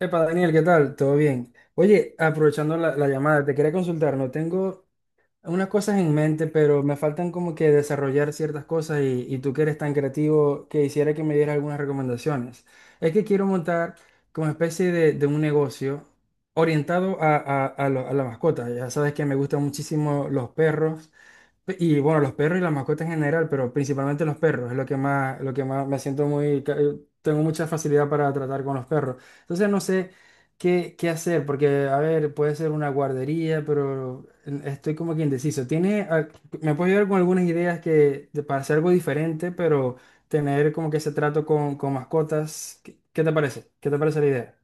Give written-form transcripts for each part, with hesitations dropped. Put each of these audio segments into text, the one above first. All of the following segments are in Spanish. Epa, Daniel, ¿qué tal? ¿Todo bien? Oye, aprovechando la llamada, te quería consultar, no tengo unas cosas en mente, pero me faltan como que desarrollar ciertas cosas y tú que eres tan creativo, que hiciera que me dieras algunas recomendaciones. Es que quiero montar como especie de un negocio orientado a la mascota. Ya sabes que me gustan muchísimo los perros y bueno, los perros y las mascotas en general, pero principalmente los perros, es lo que más me siento muy, tengo mucha facilidad para tratar con los perros. Entonces, no sé. ¿Qué hacer? Porque, a ver, puede ser una guardería, pero estoy como que indeciso. Me puedes ayudar con algunas ideas para hacer algo diferente, pero tener como que ese trato con mascotas? ¿Qué te parece? ¿Qué te parece la idea?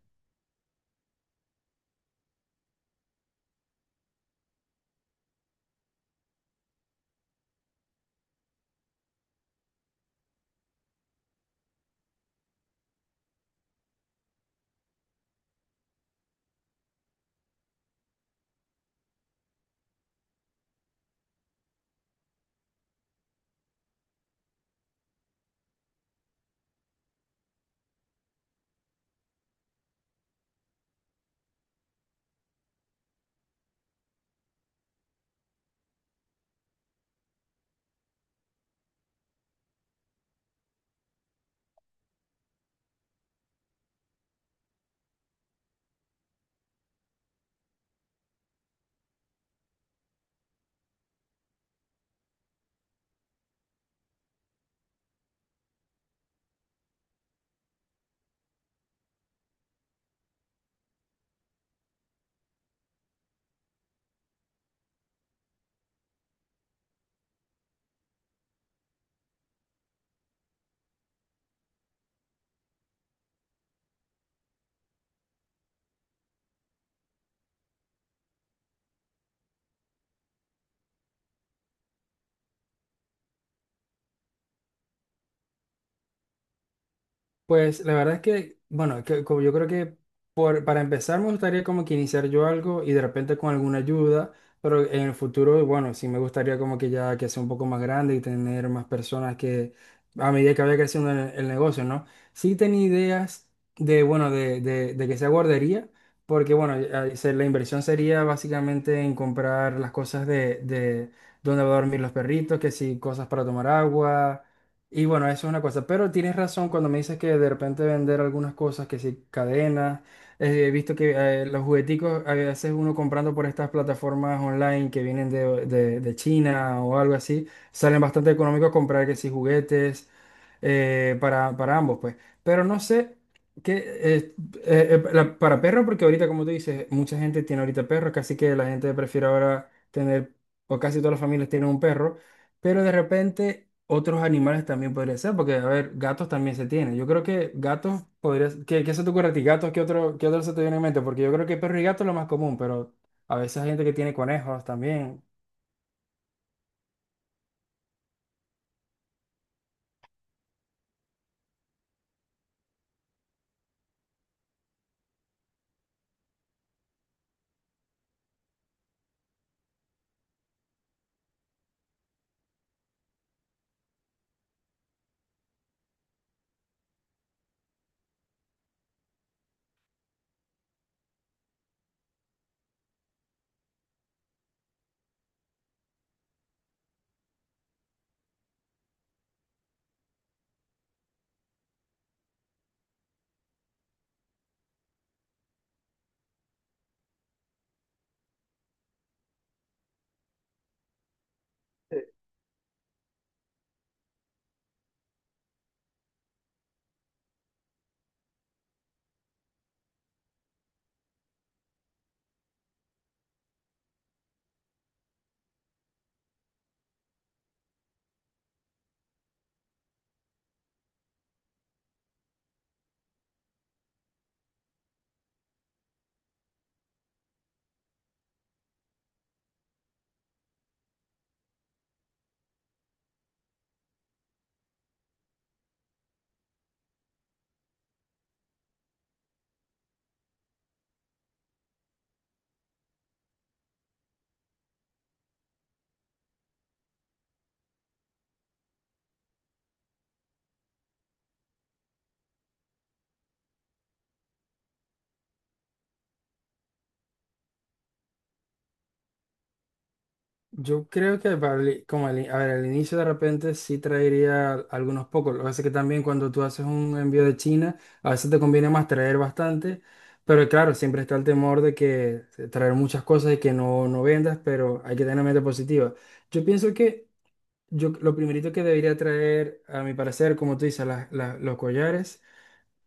Pues la verdad es que, bueno, como yo creo que para empezar me gustaría como que iniciar yo algo y de repente con alguna ayuda, pero en el futuro, bueno, sí me gustaría como que ya que sea un poco más grande y tener más personas que a medida que vaya creciendo el negocio, ¿no? Sí tenía ideas de, bueno, de que sea guardería, porque bueno, la inversión sería básicamente en comprar las cosas de dónde va a dormir los perritos, que sí, cosas para tomar agua y bueno, eso es una cosa, pero tienes razón cuando me dices que de repente vender algunas cosas, que si cadenas, he visto que los jugueticos a veces uno comprando por estas plataformas online que vienen de China o algo así, salen bastante económicos comprar que si juguetes para ambos, pues. Pero no sé qué, para perros, porque ahorita como tú dices, mucha gente tiene ahorita perros, casi que la gente prefiere ahora tener, o casi todas las familias tienen un perro. Pero de repente otros animales también podría ser, porque a ver, gatos también se tienen. Yo creo que gatos podrías. ¿Qué se te ocurre a ti? ¿Gatos? ¿Qué otro se te viene en mente? Porque yo creo que perro y gato es lo más común, pero a veces hay gente que tiene conejos también. Yo creo que para a ver, al inicio de repente sí traería algunos pocos. Lo que pasa es que también cuando tú haces un envío de China, a veces te conviene más traer bastante. Pero claro, siempre está el temor de que traer muchas cosas y que no, no vendas, pero hay que tener una mente positiva. Yo pienso que yo lo primerito que debería traer, a mi parecer, como tú dices, los collares,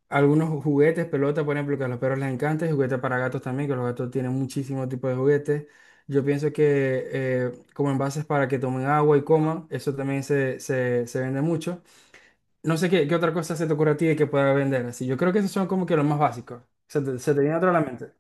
algunos juguetes, pelotas, por ejemplo, que a los perros les encanta, y juguetes para gatos también, que los gatos tienen muchísimos tipos de juguetes. Yo pienso que como envases para que tomen agua y coman, eso también se vende mucho. No sé qué, qué otra cosa se te ocurre a ti de que pueda vender así. Yo creo que esos son como que los más básicos. ¿Se te viene otro a la mente?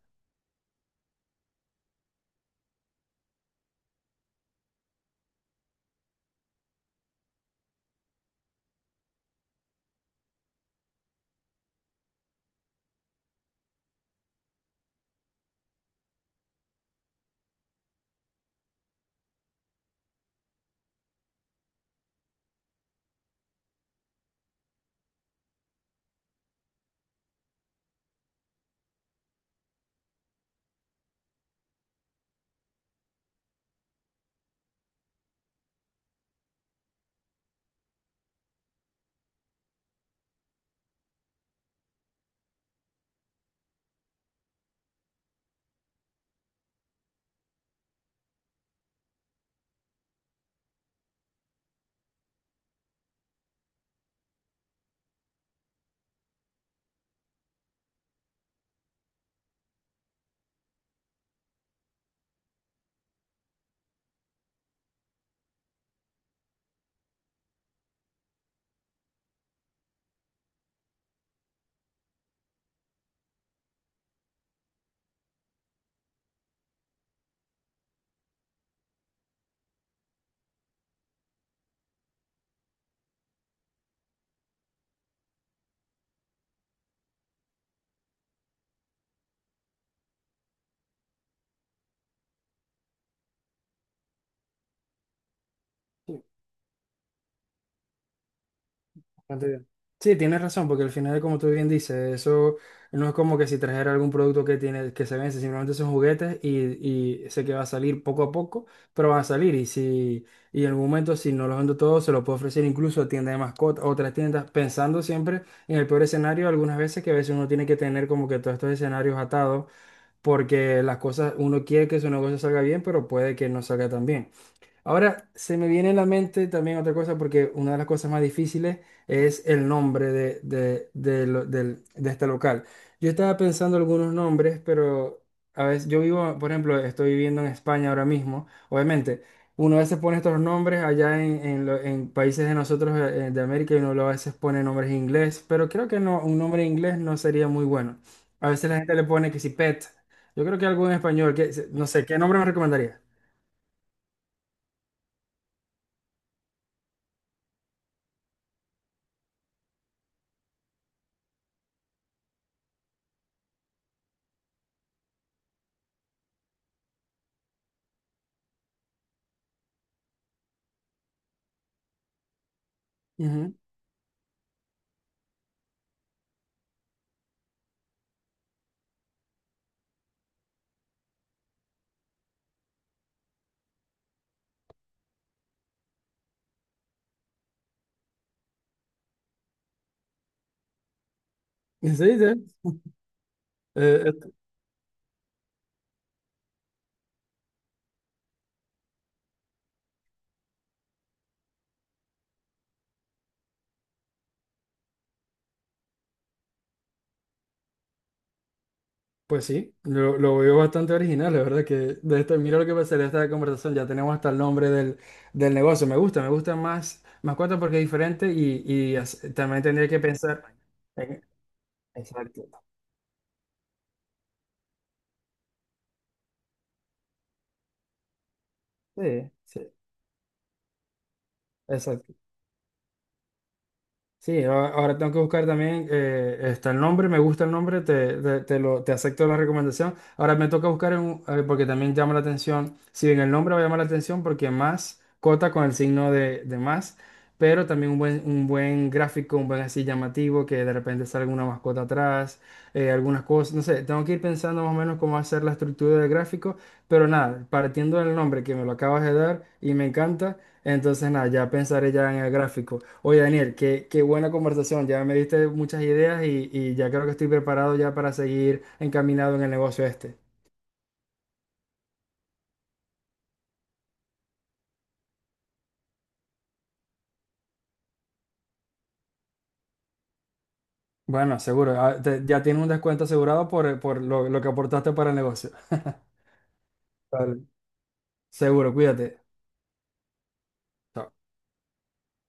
Bastante bien. Sí, tienes razón, porque al final, como tú bien dices, eso no es como que si trajera algún producto que tiene, que se vence, simplemente son juguetes y sé que va a salir poco a poco, pero van a salir. Y en algún momento, si no los vendo todos, se los puedo ofrecer incluso a tiendas de mascotas, a otras tiendas, pensando siempre en el peor escenario, algunas veces que a veces uno tiene que tener como que todos estos escenarios atados, porque las cosas, uno quiere que su negocio salga bien, pero puede que no salga tan bien. Ahora se me viene a la mente también otra cosa, porque una de las cosas más difíciles es el nombre de este local. Yo estaba pensando algunos nombres, pero a veces yo vivo, por ejemplo, estoy viviendo en España ahora mismo. Obviamente, uno a veces pone estos nombres allá en, en países de nosotros de América y uno lo a veces pone nombres en inglés, pero creo que no, un nombre en inglés no sería muy bueno. A veces la gente le pone que si pet. Yo creo que algo en español, que, no sé, ¿qué nombre me recomendaría? Ujú. Sí, sí. Eh, et- pues sí, lo veo bastante original, la verdad que de esto, mira lo que pasaría esta conversación, ya tenemos hasta el nombre del negocio, me gusta más, más cuenta porque es diferente y también tendría que pensar en... Exacto, sí, sí, exacto. Sí, ahora tengo que buscar también, está el nombre, me gusta el nombre, te acepto la recomendación. Ahora me toca buscar, en a ver, porque también llama la atención, si bien el nombre va a llamar la atención, porque más cota con el signo de más, pero también un buen gráfico, un buen así llamativo, que de repente salga alguna mascota atrás, algunas cosas, no sé, tengo que ir pensando más o menos cómo hacer la estructura del gráfico, pero nada, partiendo del nombre que me lo acabas de dar y me encanta, entonces nada, ya pensaré ya en el gráfico. Oye, Daniel, qué, qué buena conversación. Ya me diste muchas ideas y ya creo que estoy preparado ya para seguir encaminado en el negocio este. Bueno, seguro. Ah, ya tienes un descuento asegurado por, lo que aportaste para el negocio. Vale. Seguro, cuídate. Chao.